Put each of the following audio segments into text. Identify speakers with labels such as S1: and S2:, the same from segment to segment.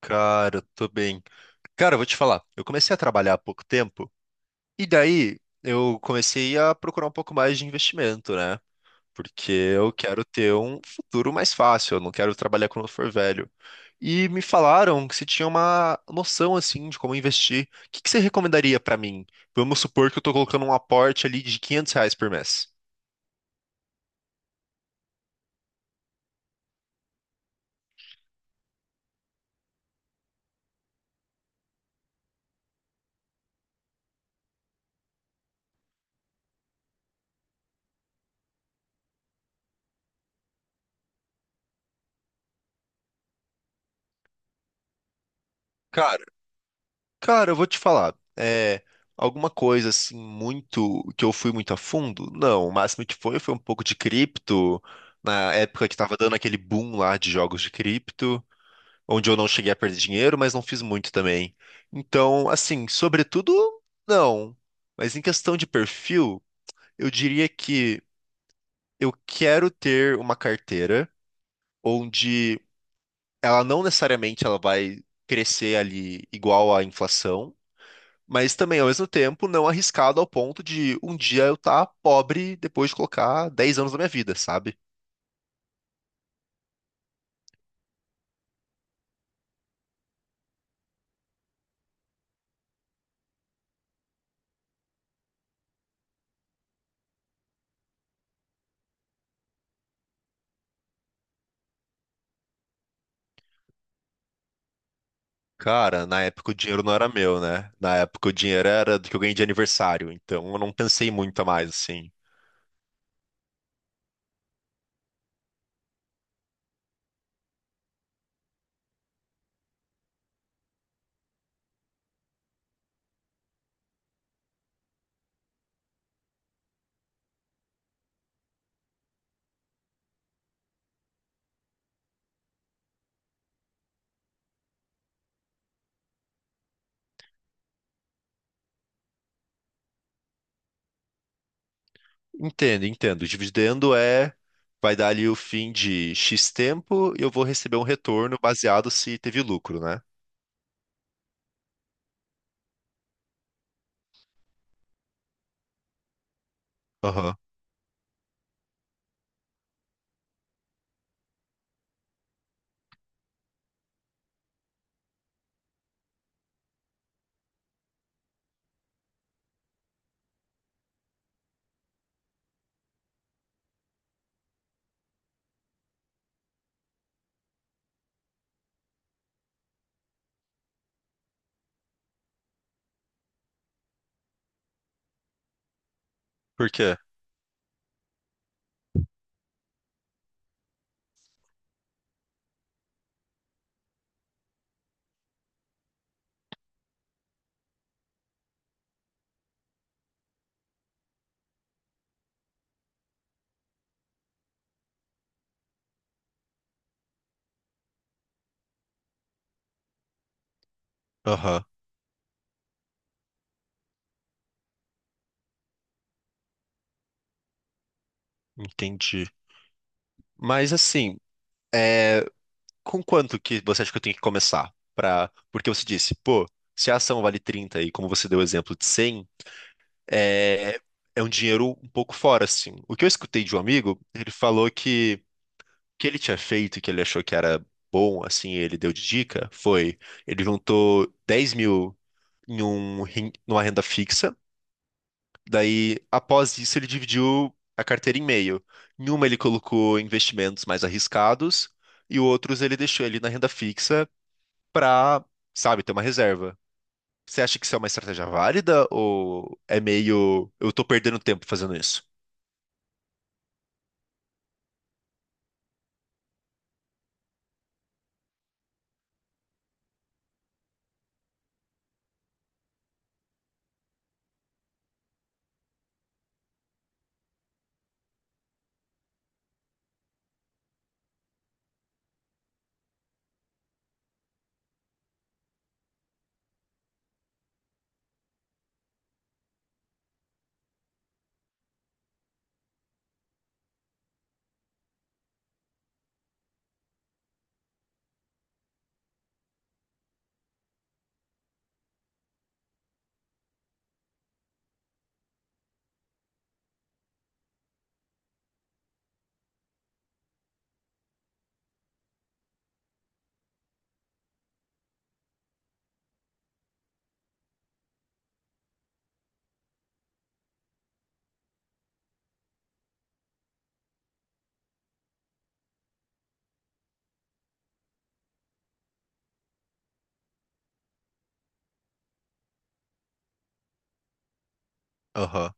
S1: Cara, eu tô bem. Cara, eu vou te falar, eu comecei a trabalhar há pouco tempo, e daí eu comecei a procurar um pouco mais de investimento, né? Porque eu quero ter um futuro mais fácil, eu não quero trabalhar quando eu for velho. E me falaram que você tinha uma noção, assim, de como investir. O que que você recomendaria pra mim? Vamos supor que eu tô colocando um aporte ali de R$ 500 por mês. Cara, Cara, eu vou te falar. É, alguma coisa assim, muito que eu fui muito a fundo? Não, o máximo que foi um pouco de cripto, na época que tava dando aquele boom lá de jogos de cripto, onde eu não cheguei a perder dinheiro, mas não fiz muito também. Então, assim, sobretudo, não. Mas em questão de perfil, eu diria que eu quero ter uma carteira onde ela não necessariamente ela vai crescer ali igual à inflação, mas também, ao mesmo tempo, não arriscado ao ponto de um dia eu estar pobre depois de colocar 10 anos da minha vida, sabe? Cara, na época o dinheiro não era meu, né? Na época o dinheiro era do que eu ganhei de aniversário, então eu não pensei muito a mais, assim. Entendo, entendo. O dividendo é, vai dar ali o fim de X tempo e eu vou receber um retorno baseado se teve lucro, né? Aham. Por quê? Aham. Entendi. Mas assim, com quanto que você acha que eu tenho que começar? Pra... Porque você disse, pô, se a ação vale 30 e como você deu o exemplo de 100, é... é um dinheiro um pouco fora, assim. O que eu escutei de um amigo, ele falou que o que ele tinha feito e que ele achou que era bom, assim, ele deu de dica, foi ele juntou 10.000 numa renda fixa. Daí, após isso, ele dividiu a carteira em meio. Em uma, ele colocou investimentos mais arriscados, e outros ele deixou ali na renda fixa para, sabe, ter uma reserva. Você acha que isso é uma estratégia válida ou é meio eu tô perdendo tempo fazendo isso? Aham,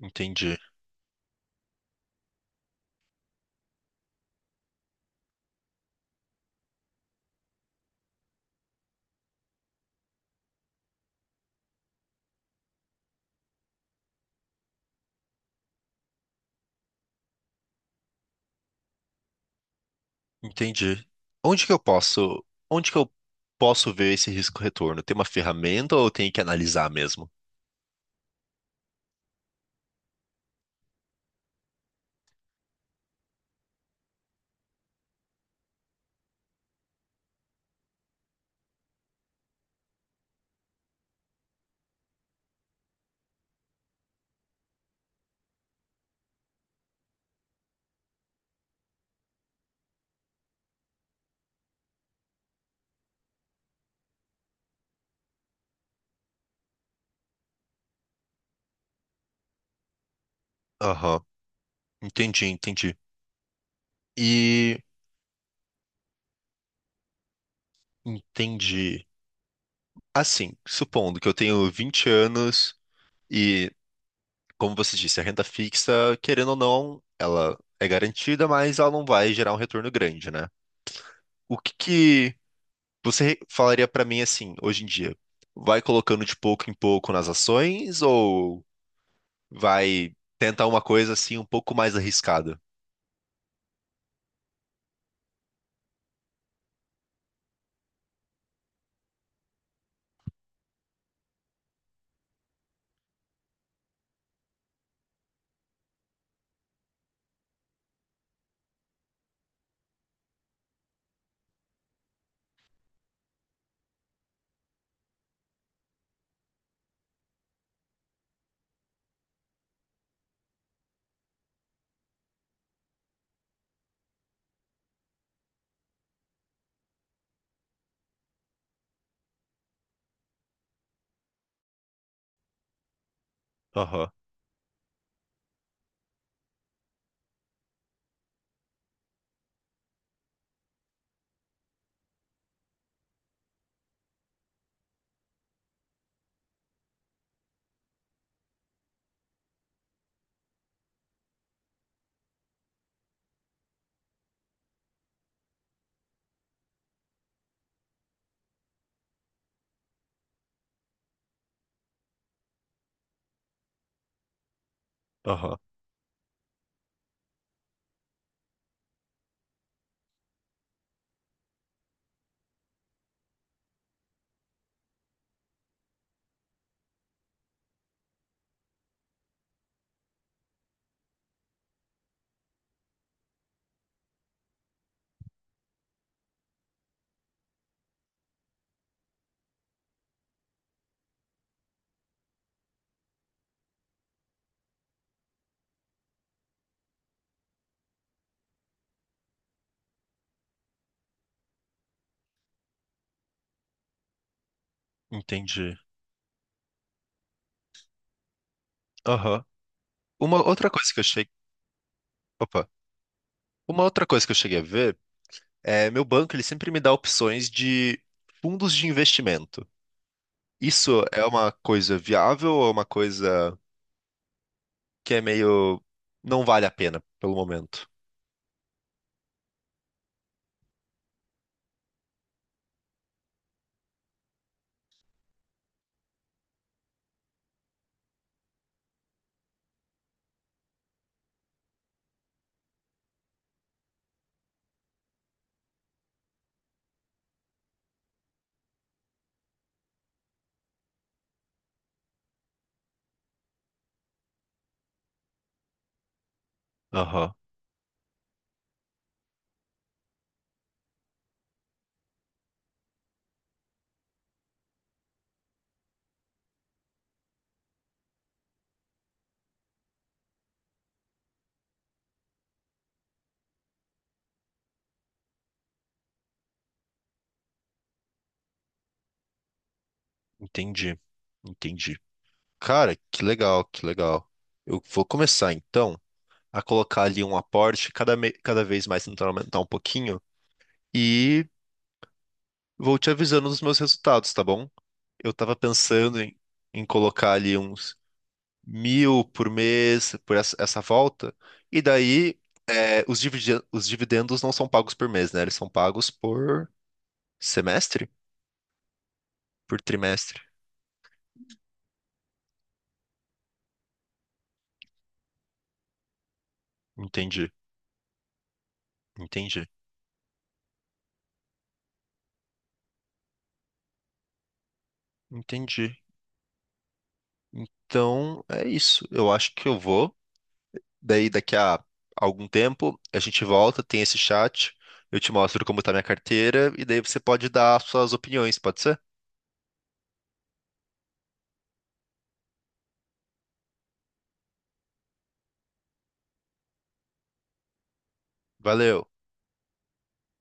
S1: entendi. Entendi. Onde que eu posso, onde que eu posso ver esse risco retorno? Tem uma ferramenta ou eu tenho que analisar mesmo? Aham, entendi, entendi. E Entendi. Assim, supondo que eu tenho 20 anos e, como você disse, a renda fixa, querendo ou não, ela é garantida, mas ela não vai gerar um retorno grande, né? O que que você falaria pra mim assim, hoje em dia? Vai colocando de pouco em pouco nas ações ou vai tentar uma coisa assim um pouco mais arriscada? Aham, aham. Entendi. Aham. Uma outra coisa que eu cheguei, opa, uma outra coisa que eu cheguei a ver. Meu banco, ele sempre me dá opções de fundos de investimento. Isso é uma coisa viável ou é uma coisa que é meio não vale a pena pelo momento? Aham, entendi, entendi. Cara, que legal, que legal. Eu vou começar então a colocar ali um aporte cada vez mais tentando aumentar um pouquinho e vou te avisando dos meus resultados, tá bom? Eu tava pensando em colocar ali uns 1.000 por mês por essa volta. E daí os dividendos não são pagos por mês, né? Eles são pagos por semestre, por trimestre. Entendi, entendi, entendi. Então é isso. Eu acho que eu vou. Daí daqui a algum tempo a gente volta, tem esse chat. Eu te mostro como tá minha carteira e daí você pode dar suas opiniões, pode ser? Valeu.